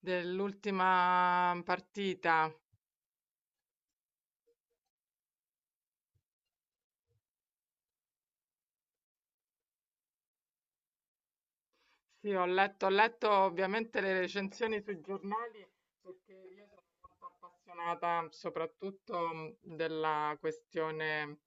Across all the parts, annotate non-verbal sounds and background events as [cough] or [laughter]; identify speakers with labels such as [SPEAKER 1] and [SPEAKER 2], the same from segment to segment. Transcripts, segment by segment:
[SPEAKER 1] Dell'ultima partita. Sì, ho letto ovviamente le recensioni sui giornali perché io sono molto appassionata soprattutto della questione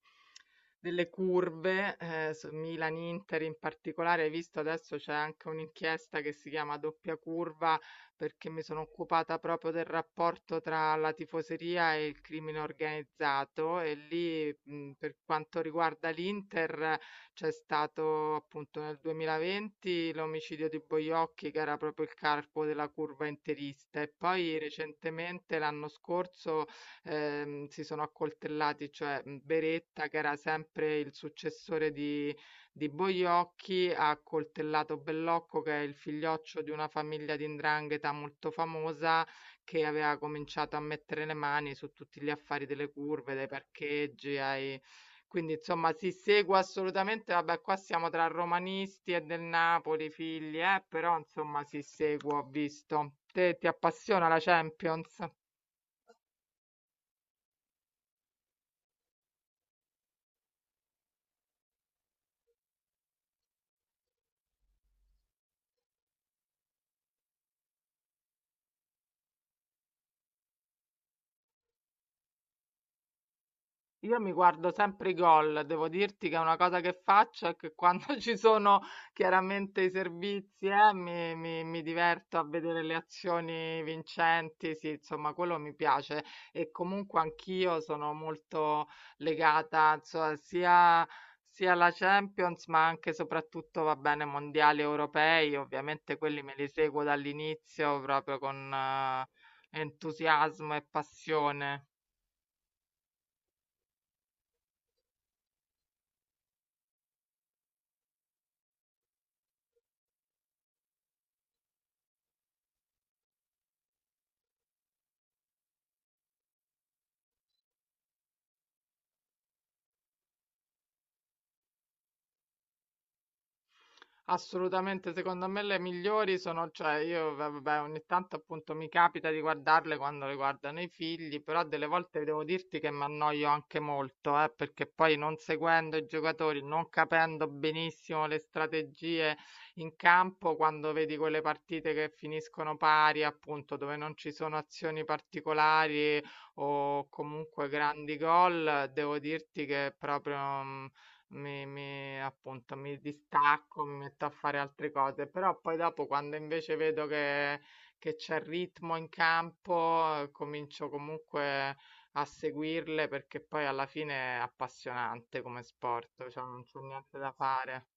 [SPEAKER 1] delle curve, su Milan-Inter in particolare. Hai visto adesso c'è anche un'inchiesta che si chiama Doppia Curva perché mi sono occupata proprio del rapporto tra la tifoseria e il crimine organizzato e lì per quanto riguarda l'Inter. C'è stato appunto nel 2020 l'omicidio di Boiocchi, che era proprio il carpo della curva interista, e poi recentemente l'anno scorso si sono accoltellati, cioè Beretta, che era sempre il successore di Boiocchi, ha accoltellato Bellocco, che è il figlioccio di una famiglia di 'ndrangheta molto famosa che aveva cominciato a mettere le mani su tutti gli affari delle curve, dai parcheggi ai, quindi insomma si segue assolutamente, vabbè qua siamo tra romanisti e del Napoli, figli, però insomma si segue, ho visto. Te ti appassiona la Champions? Io mi guardo sempre i gol, devo dirti che è una cosa che faccio è che quando [laughs] ci sono chiaramente i servizi, mi diverto a vedere le azioni vincenti, sì, insomma, quello mi piace e comunque anch'io sono molto legata, insomma, sia alla Champions, ma anche e soprattutto, va bene, mondiali europei, ovviamente quelli me li seguo dall'inizio proprio con entusiasmo e passione. Assolutamente, secondo me le migliori sono, cioè io vabbè, ogni tanto appunto mi capita di guardarle quando le guardano i figli, però delle volte devo dirti che mi annoio anche molto, perché poi non seguendo i giocatori, non capendo benissimo le strategie in campo, quando vedi quelle partite che finiscono pari, appunto, dove non ci sono azioni particolari o comunque grandi gol, devo dirti che proprio... mm, mi mi appunto, mi distacco, mi metto a fare altre cose, però poi dopo quando invece vedo che c'è ritmo in campo, comincio comunque a seguirle perché poi alla fine è appassionante come sport, cioè non c'è niente da fare.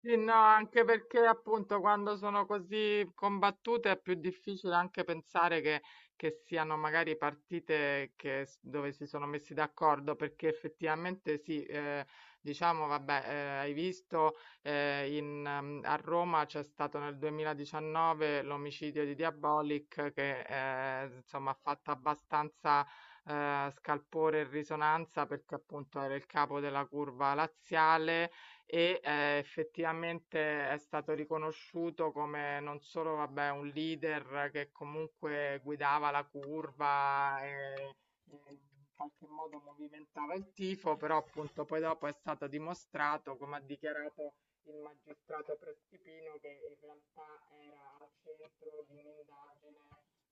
[SPEAKER 1] Sì, no, anche perché appunto quando sono così combattute è più difficile anche pensare che siano magari partite dove si sono messi d'accordo, perché effettivamente sì, diciamo, vabbè, hai visto a Roma c'è stato nel 2019 l'omicidio di Diabolic che insomma ha fatto abbastanza scalpore e risonanza perché appunto era il capo della curva laziale e, effettivamente è stato riconosciuto come non solo, vabbè, un leader che comunque guidava la curva e in qualche modo movimentava il tifo, però appunto poi dopo è stato dimostrato, come ha dichiarato il magistrato Prestipino, che in realtà era al centro di un'indagine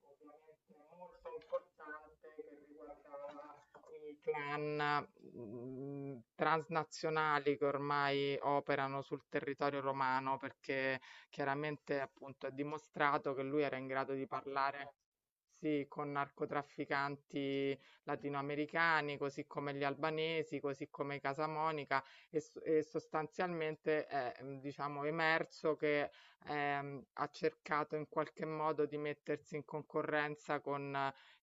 [SPEAKER 1] ovviamente molto importante che riguardava i clan transnazionali che ormai operano sul territorio romano, perché chiaramente appunto è dimostrato che lui era in grado di parlare. Sì, con narcotrafficanti latinoamericani, così come gli albanesi, così come Casa Monica, e sostanzialmente è, diciamo, emerso che ha cercato in qualche modo di mettersi in concorrenza con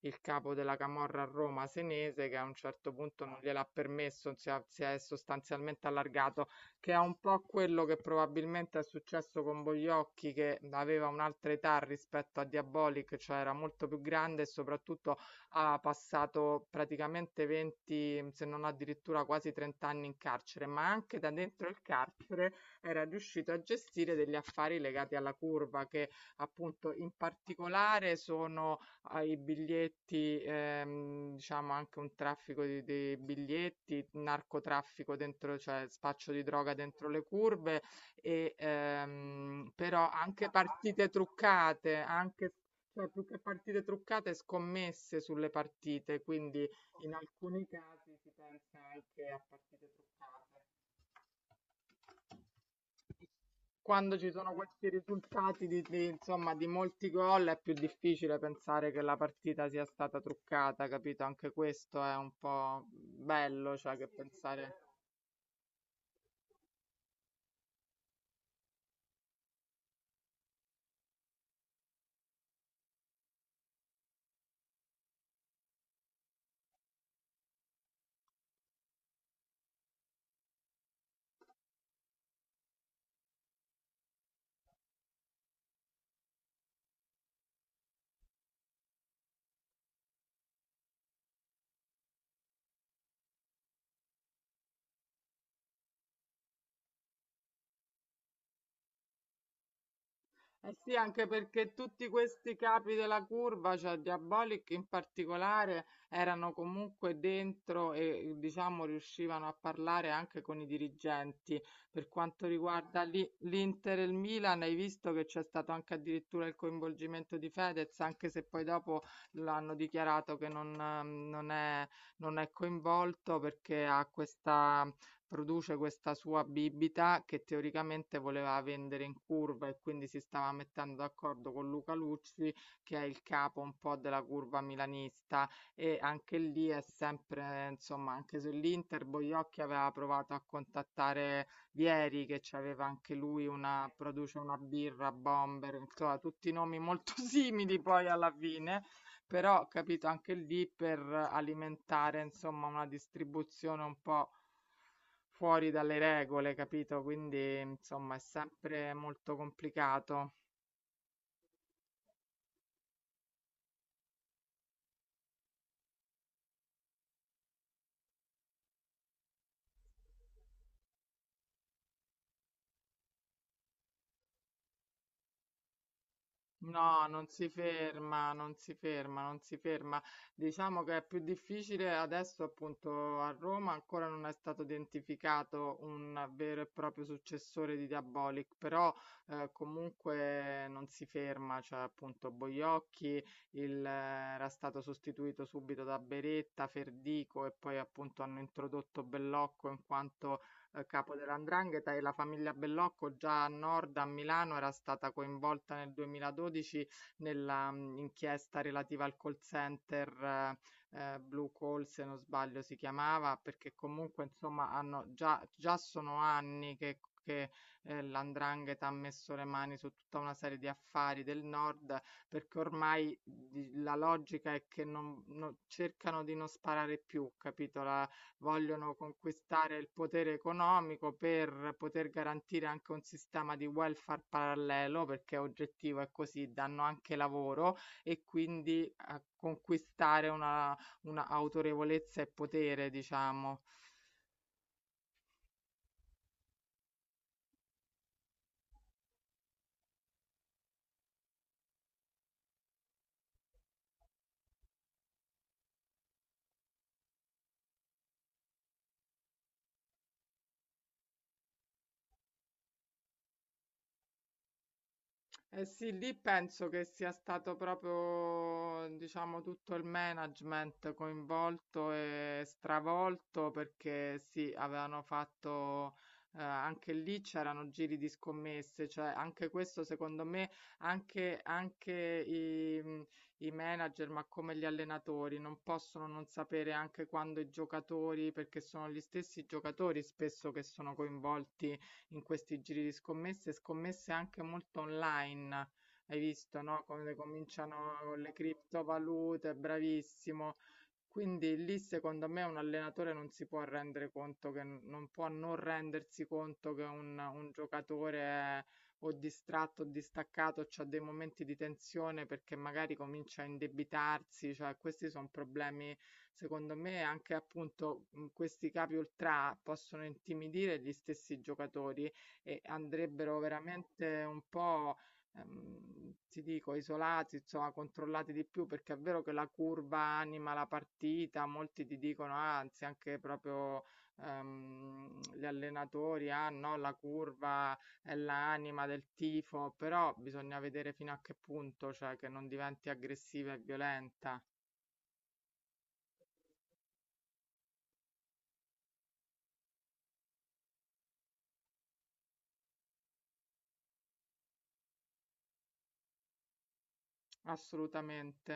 [SPEAKER 1] il capo della camorra a Roma, Senese, che a un certo punto non gliel'ha permesso, si è sostanzialmente allargato, che è un po' quello che probabilmente è successo con Bogliocchi, che aveva un'altra età rispetto a Diabolic, cioè era molto più grande e soprattutto ha passato praticamente 20, se non addirittura quasi 30 anni in carcere, ma anche da dentro il carcere era riuscito a gestire degli affari legati alla curva, che appunto in particolare sono ai biglietti, diciamo anche un traffico di biglietti, narcotraffico dentro, cioè spaccio di droga dentro le curve, però anche partite truccate, anche, cioè più che partite truccate, scommesse sulle partite, quindi in alcuni casi si pensa anche a partite truccate. Quando ci sono questi risultati insomma, di molti gol è più difficile pensare che la partita sia stata truccata, capito? Anche questo è un po' bello, cioè che pensare... Eh sì, anche perché tutti questi capi della curva, cioè Diabolic in particolare, erano comunque dentro e diciamo riuscivano a parlare anche con i dirigenti. Per quanto riguarda l'Inter e il Milan, hai visto che c'è stato anche addirittura il coinvolgimento di Fedez, anche se poi dopo l'hanno dichiarato che non, non è, non è coinvolto perché ha questa produce questa sua bibita che teoricamente voleva vendere in curva e quindi si stava mettendo d'accordo con Luca Lucci, che è il capo un po' della curva milanista. E anche lì è sempre, insomma, anche sull'Inter, Boiocchi aveva provato a contattare Vieri, che aveva anche lui una, produce una birra, Bomber, insomma, tutti nomi molto [laughs] simili poi alla fine però capito anche lì per alimentare insomma una distribuzione un po' fuori dalle regole, capito? Quindi, insomma, è sempre molto complicato. No, non si ferma, non si ferma, non si ferma. Diciamo che è più difficile adesso, appunto, a Roma ancora non è stato identificato un vero e proprio successore di Diabolic, però comunque non si ferma, cioè appunto Boiocchi il, eh, era stato sostituito subito da Beretta, Ferdico e poi appunto hanno introdotto Bellocco in quanto capo dell''ndrangheta e la famiglia Bellocco già a nord a Milano era stata coinvolta nel 2012 nella inchiesta relativa al call center Blue Call, se non sbaglio si chiamava, perché comunque insomma hanno già, già sono anni che l'andrangheta ha messo le mani su tutta una serie di affari del nord, perché ormai la logica è che non, non- cercano di non sparare più, capito? La, vogliono conquistare il potere economico per poter garantire anche un sistema di welfare parallelo, perché oggettivo è così, danno anche lavoro e quindi conquistare una autorevolezza e potere, diciamo. Eh sì, lì penso che sia stato proprio, diciamo, tutto il management coinvolto e stravolto perché sì, avevano fatto, anche lì c'erano giri di scommesse, cioè anche questo secondo me, anche i, i manager, ma come gli allenatori, non possono non sapere anche quando i giocatori, perché sono gli stessi giocatori spesso che sono coinvolti in questi giri di scommesse, scommesse anche molto online. Hai visto, no? Come cominciano con le criptovalute, bravissimo. Quindi lì secondo me un allenatore non si può rendere conto che non può non rendersi conto che un giocatore è o distratto o distaccato, c'ha dei momenti di tensione perché magari comincia a indebitarsi, cioè questi sono problemi. Secondo me anche appunto, questi capi ultrà possono intimidire gli stessi giocatori e andrebbero veramente un po', ti dico isolati, insomma controllati di più, perché è vero che la curva anima la partita, molti ti dicono, ah, anzi anche proprio, gli allenatori: "Ah no, la curva è l'anima del tifo", però bisogna vedere fino a che punto, cioè che non diventi aggressiva e violenta. Assolutamente.